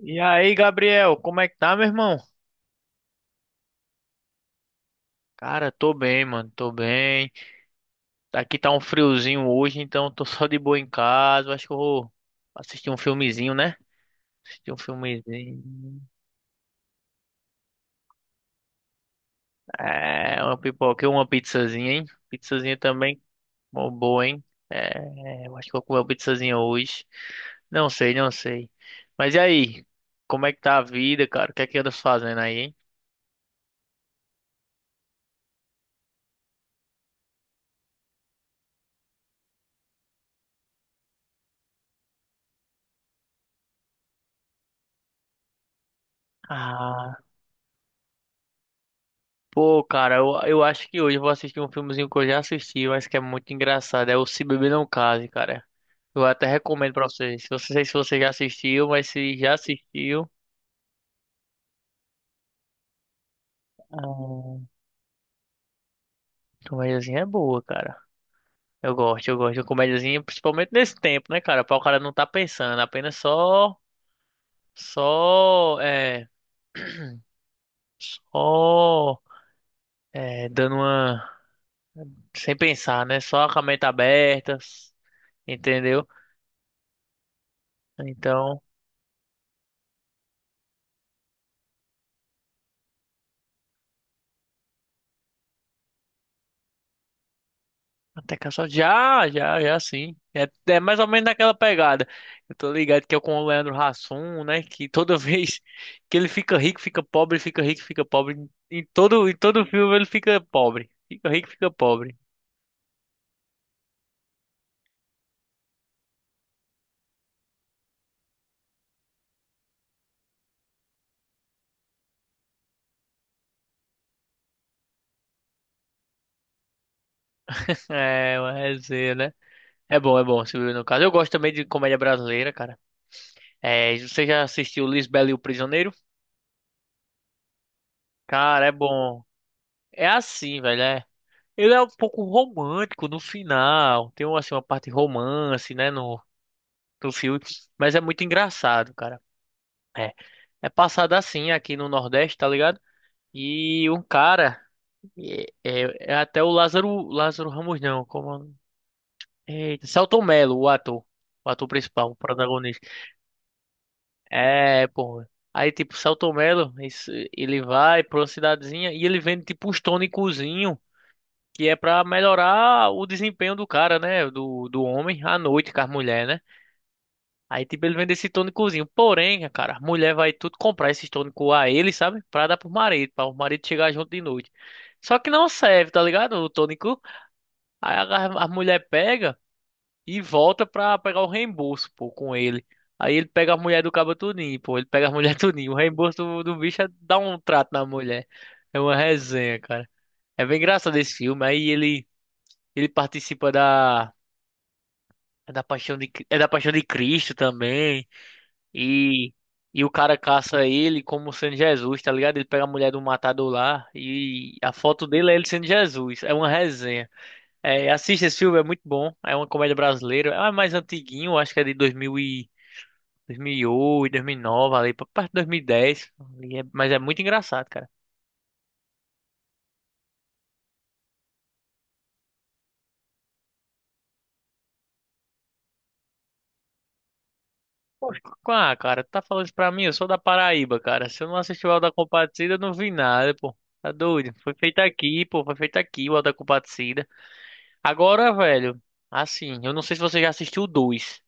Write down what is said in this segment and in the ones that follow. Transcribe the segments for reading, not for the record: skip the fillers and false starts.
E aí, Gabriel, como é que tá, meu irmão? Cara, tô bem, mano, tô bem. Aqui tá um friozinho hoje, então tô só de boa em casa. Acho que eu vou assistir um filmezinho, né? Assistir um filmezinho. É, uma pipoca, e uma pizzazinha, hein? Pizzazinha também, mó boa, hein? É, eu acho que vou comer uma pizzazinha hoje. Não sei, não sei. Mas e aí? Como é que tá a vida, cara? O que é que andas fazendo aí, hein? Ah. Pô, cara, eu acho que hoje eu vou assistir um filmezinho que eu já assisti, mas que é muito engraçado. É o Se Beber Não Case, cara. Eu até recomendo pra vocês. Se você, sei se você já assistiu, mas se já assistiu, a comédiazinha é boa, cara. Eu gosto de comédiazinha, principalmente nesse tempo, né, cara? Pra o cara não tá pensando, apenas só, é, só, dando uma, sem pensar, né? Só com a mente aberta, entendeu? Então. Até que só já, já, já sim. É mais ou menos naquela pegada. Eu tô ligado que é com o Leandro Hassum, né? Que toda vez que ele fica rico, fica pobre, fica rico, fica pobre. Em todo filme ele fica pobre. Fica rico, fica pobre. É, uma resenha, né? É bom, Silvio, no caso. Eu gosto também de comédia brasileira, cara. É, você já assistiu Lisbela e o Prisioneiro? Cara, é bom. É assim, velho, é. Ele é um pouco romântico no final. Tem uma, assim, uma parte romance, né? no do filme, mas é muito engraçado, cara. É, é passado assim aqui no Nordeste, tá ligado? E um cara, é até o Lázaro, Lázaro Ramos não, como Eita, Selton Mello, o ator principal, o protagonista. É, pô. Aí tipo, Selton Mello, ele vai pra uma cidadezinha e ele vende tipo uns tônicozinho que é pra melhorar o desempenho do cara, né, do homem à noite com as mulheres, né? Aí, tipo, ele vende esse tônicozinho. Porém, cara, a mulher vai tudo comprar esse tônicos a ele, sabe? Pra dar pro marido, pra o marido chegar junto de noite. Só que não serve, tá ligado? O tônico. Aí a mulher pega e volta pra pegar o reembolso, pô, com ele. Aí ele pega a mulher do cabo tudinho, pô. Ele pega a mulher tudinho. O reembolso do bicho é dar um trato na mulher. É uma resenha, cara. É bem engraçado esse filme. Aí ele participa da, é da paixão de, Cri- é da paixão de Cristo também. E, e o cara caça ele como sendo Jesus, tá ligado? Ele pega a mulher do matador lá e a foto dele é ele sendo Jesus. É uma resenha. É, assista esse filme, é muito bom. É uma comédia brasileira. É mais antiguinho, acho que é de dois mil e oito, 2009, ali, pra perto de 2010. E dez. Mas é muito engraçado, cara. Pô, ah, cara, tu tá falando isso pra mim? Eu sou da Paraíba, cara. Se eu não assisti o Auto da Compadecida, eu não vi nada, pô. Tá doido? Foi feito aqui, pô. Foi feito aqui o Auto da Compadecida. Agora, velho, assim, eu não sei se você já assistiu o 2.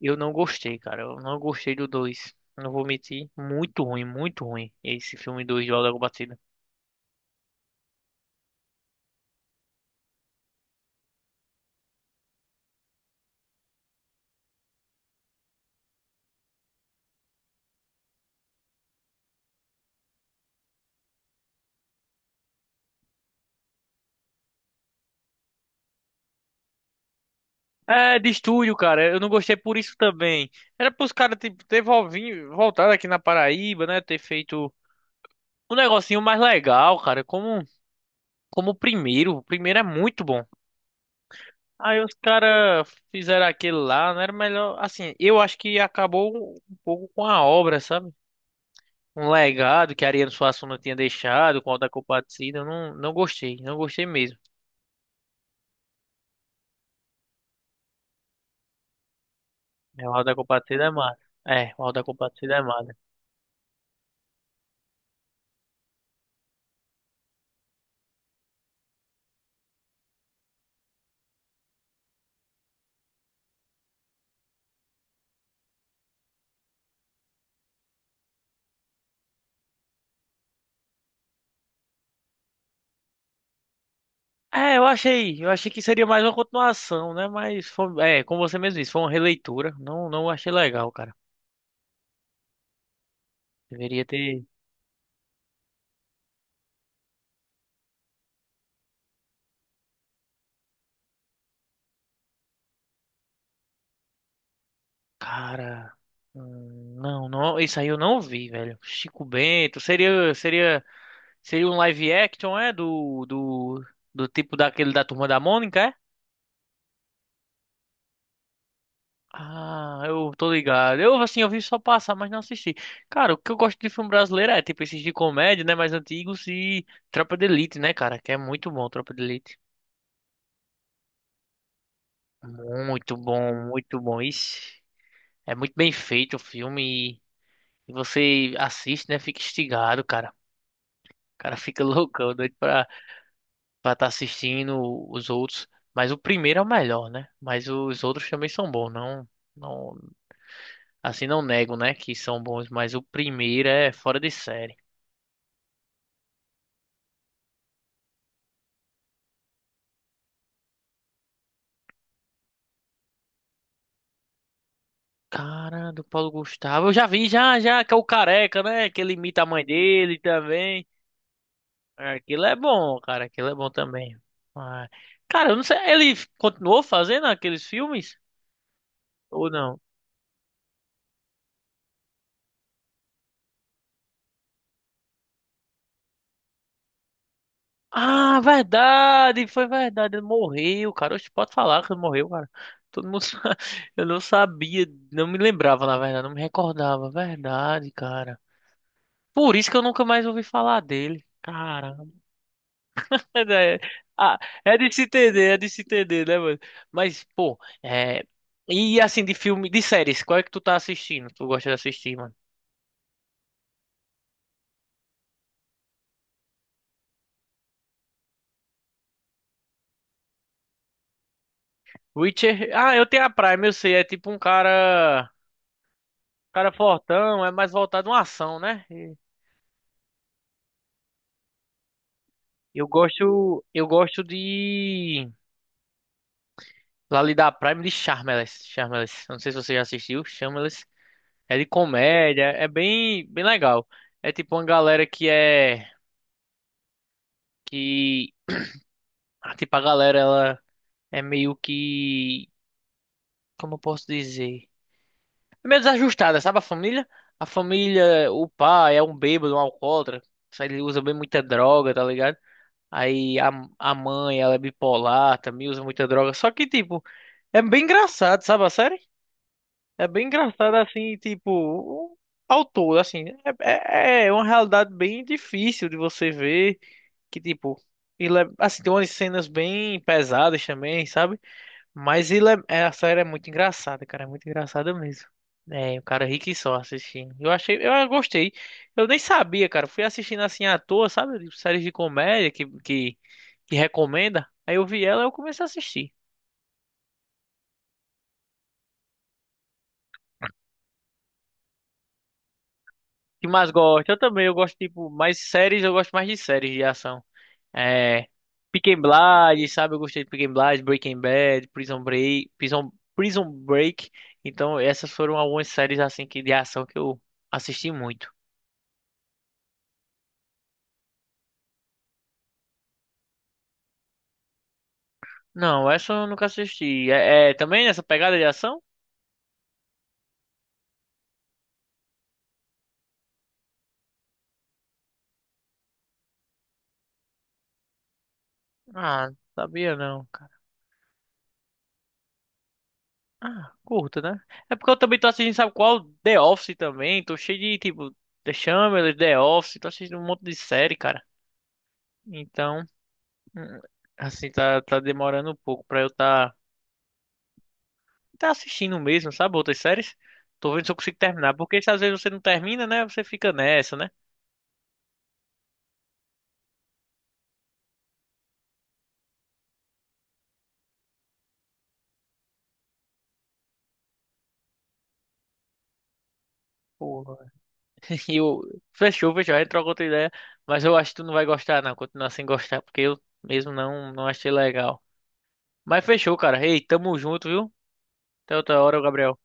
Eu não gostei, cara. Eu não gostei do dois. Não vou mentir. Muito ruim, muito ruim. Esse filme 2 de Lagoa Batida. É, de estúdio, cara. Eu não gostei por isso também. Era pros caras tipo, ter voltado aqui na Paraíba, né? Ter feito um negocinho mais legal, cara. Como o primeiro. O primeiro é muito bom. Aí os caras fizeram aquele lá, não era melhor. Assim, eu acho que acabou um pouco com a obra, sabe? Um legado que Ariano Suassuna tinha deixado com o Auto da Compadecida. Eu não gostei, não gostei mesmo. É, o Auto da Compadecida é massa. É, o Auto da Compadecida é massa. É, eu achei que seria mais uma continuação, né? Mas foi, como você mesmo disse, foi uma releitura. Não, não achei legal, cara. Deveria ter, cara, não, não, isso aí eu não vi, velho. Chico Bento, seria um live action, do tipo daquele da Turma da Mônica, é? Ah, eu tô ligado. Assim, eu vi só passar, mas não assisti. Cara, o que eu gosto de filme brasileiro é, tipo, esses de comédia, né, mais antigos e Tropa de Elite, né, cara, que é muito bom, Tropa de Elite. Muito bom, muito bom. Ixi, é muito bem feito o filme e você assiste, né, fica instigado, cara. O cara fica loucão, doido pra estar tá assistindo os outros. Mas o primeiro é o melhor, né? Mas os outros também são bons, não. Não, assim não nego, né, que são bons, mas o primeiro é fora de série. Cara, do Paulo Gustavo. Eu já vi, já, já, que é o Careca, né? Que ele imita a mãe dele também. É, aquilo é bom, cara. Aquilo é bom também. Ah, cara, eu não sei. Ele continuou fazendo aqueles filmes? Ou não? Ah, verdade! Foi verdade. Ele morreu, cara. Oxe, pode falar que ele morreu, cara. Todo mundo sabe. Eu não sabia. Não me lembrava, na verdade. Não me recordava. Verdade, cara. Por isso que eu nunca mais ouvi falar dele. Cara. Mas ah, é de se entender, é de se entender, né, mano? Mas, pô, é. E assim, de filme, de séries, qual é que tu tá assistindo? Tu gosta de assistir, mano? Witcher. Ah, eu tenho a Prime, eu sei. É tipo um cara. Cara fortão, é mais voltado a uma ação, né? Eu gosto. Eu gosto de. Lá ali da Prime de Shameless. Shameless, eu não sei se você já assistiu. Shameless. É de comédia. É bem, bem legal. É tipo uma galera que é. Que. Ah, tipo, a galera, ela. É meio que, como eu posso dizer? É meio desajustada, sabe a família? A família, o pai é um bêbado, um alcoólatra, só ele usa bem muita droga, tá ligado? Aí a mãe, ela é bipolar, também usa muita droga. Só que, tipo, é bem engraçado, sabe a série? É bem engraçado, assim, tipo, ao todo, assim. É uma realidade bem difícil de você ver, que, tipo, assim, tem umas cenas bem pesadas também, sabe? Mas a série é muito engraçada, cara. É muito engraçada mesmo. É, o cara é rico e só assistindo. Eu achei, eu gostei. Eu nem sabia, cara. Fui assistindo assim à toa, sabe? De séries de comédia que recomenda. Aí eu vi ela e eu comecei a assistir. O que mais gosto? Eu também, eu gosto, tipo, mais séries, eu gosto mais de séries de ação. É. Peaky Blinders, sabe? Eu gostei de Peaky Blinders, Breaking Bad, Prison Break, Prison Break. Então, essas foram algumas séries assim que de ação que eu assisti muito. Não, essa eu nunca assisti. É também nessa pegada de ação? Ah, sabia não, cara. Ah, curto, né? É porque eu também tô assistindo, sabe qual? The Office também. Tô cheio de, tipo, The Chamber, The Office. Tô assistindo um monte de série, cara. Então, hum, assim, tá demorando um pouco pra eu tá, tá, assistindo mesmo, sabe? Outras séries. Tô vendo se eu consigo terminar. Porque se às vezes você não termina, né? Você fica nessa, né? Pô. E o Fechou, fechou, a gente troca outra ideia. Mas eu acho que tu não vai gostar, não. Continuar sem gostar, porque eu mesmo não achei legal. Mas fechou, cara. Ei, tamo junto, viu? Até outra hora, Gabriel.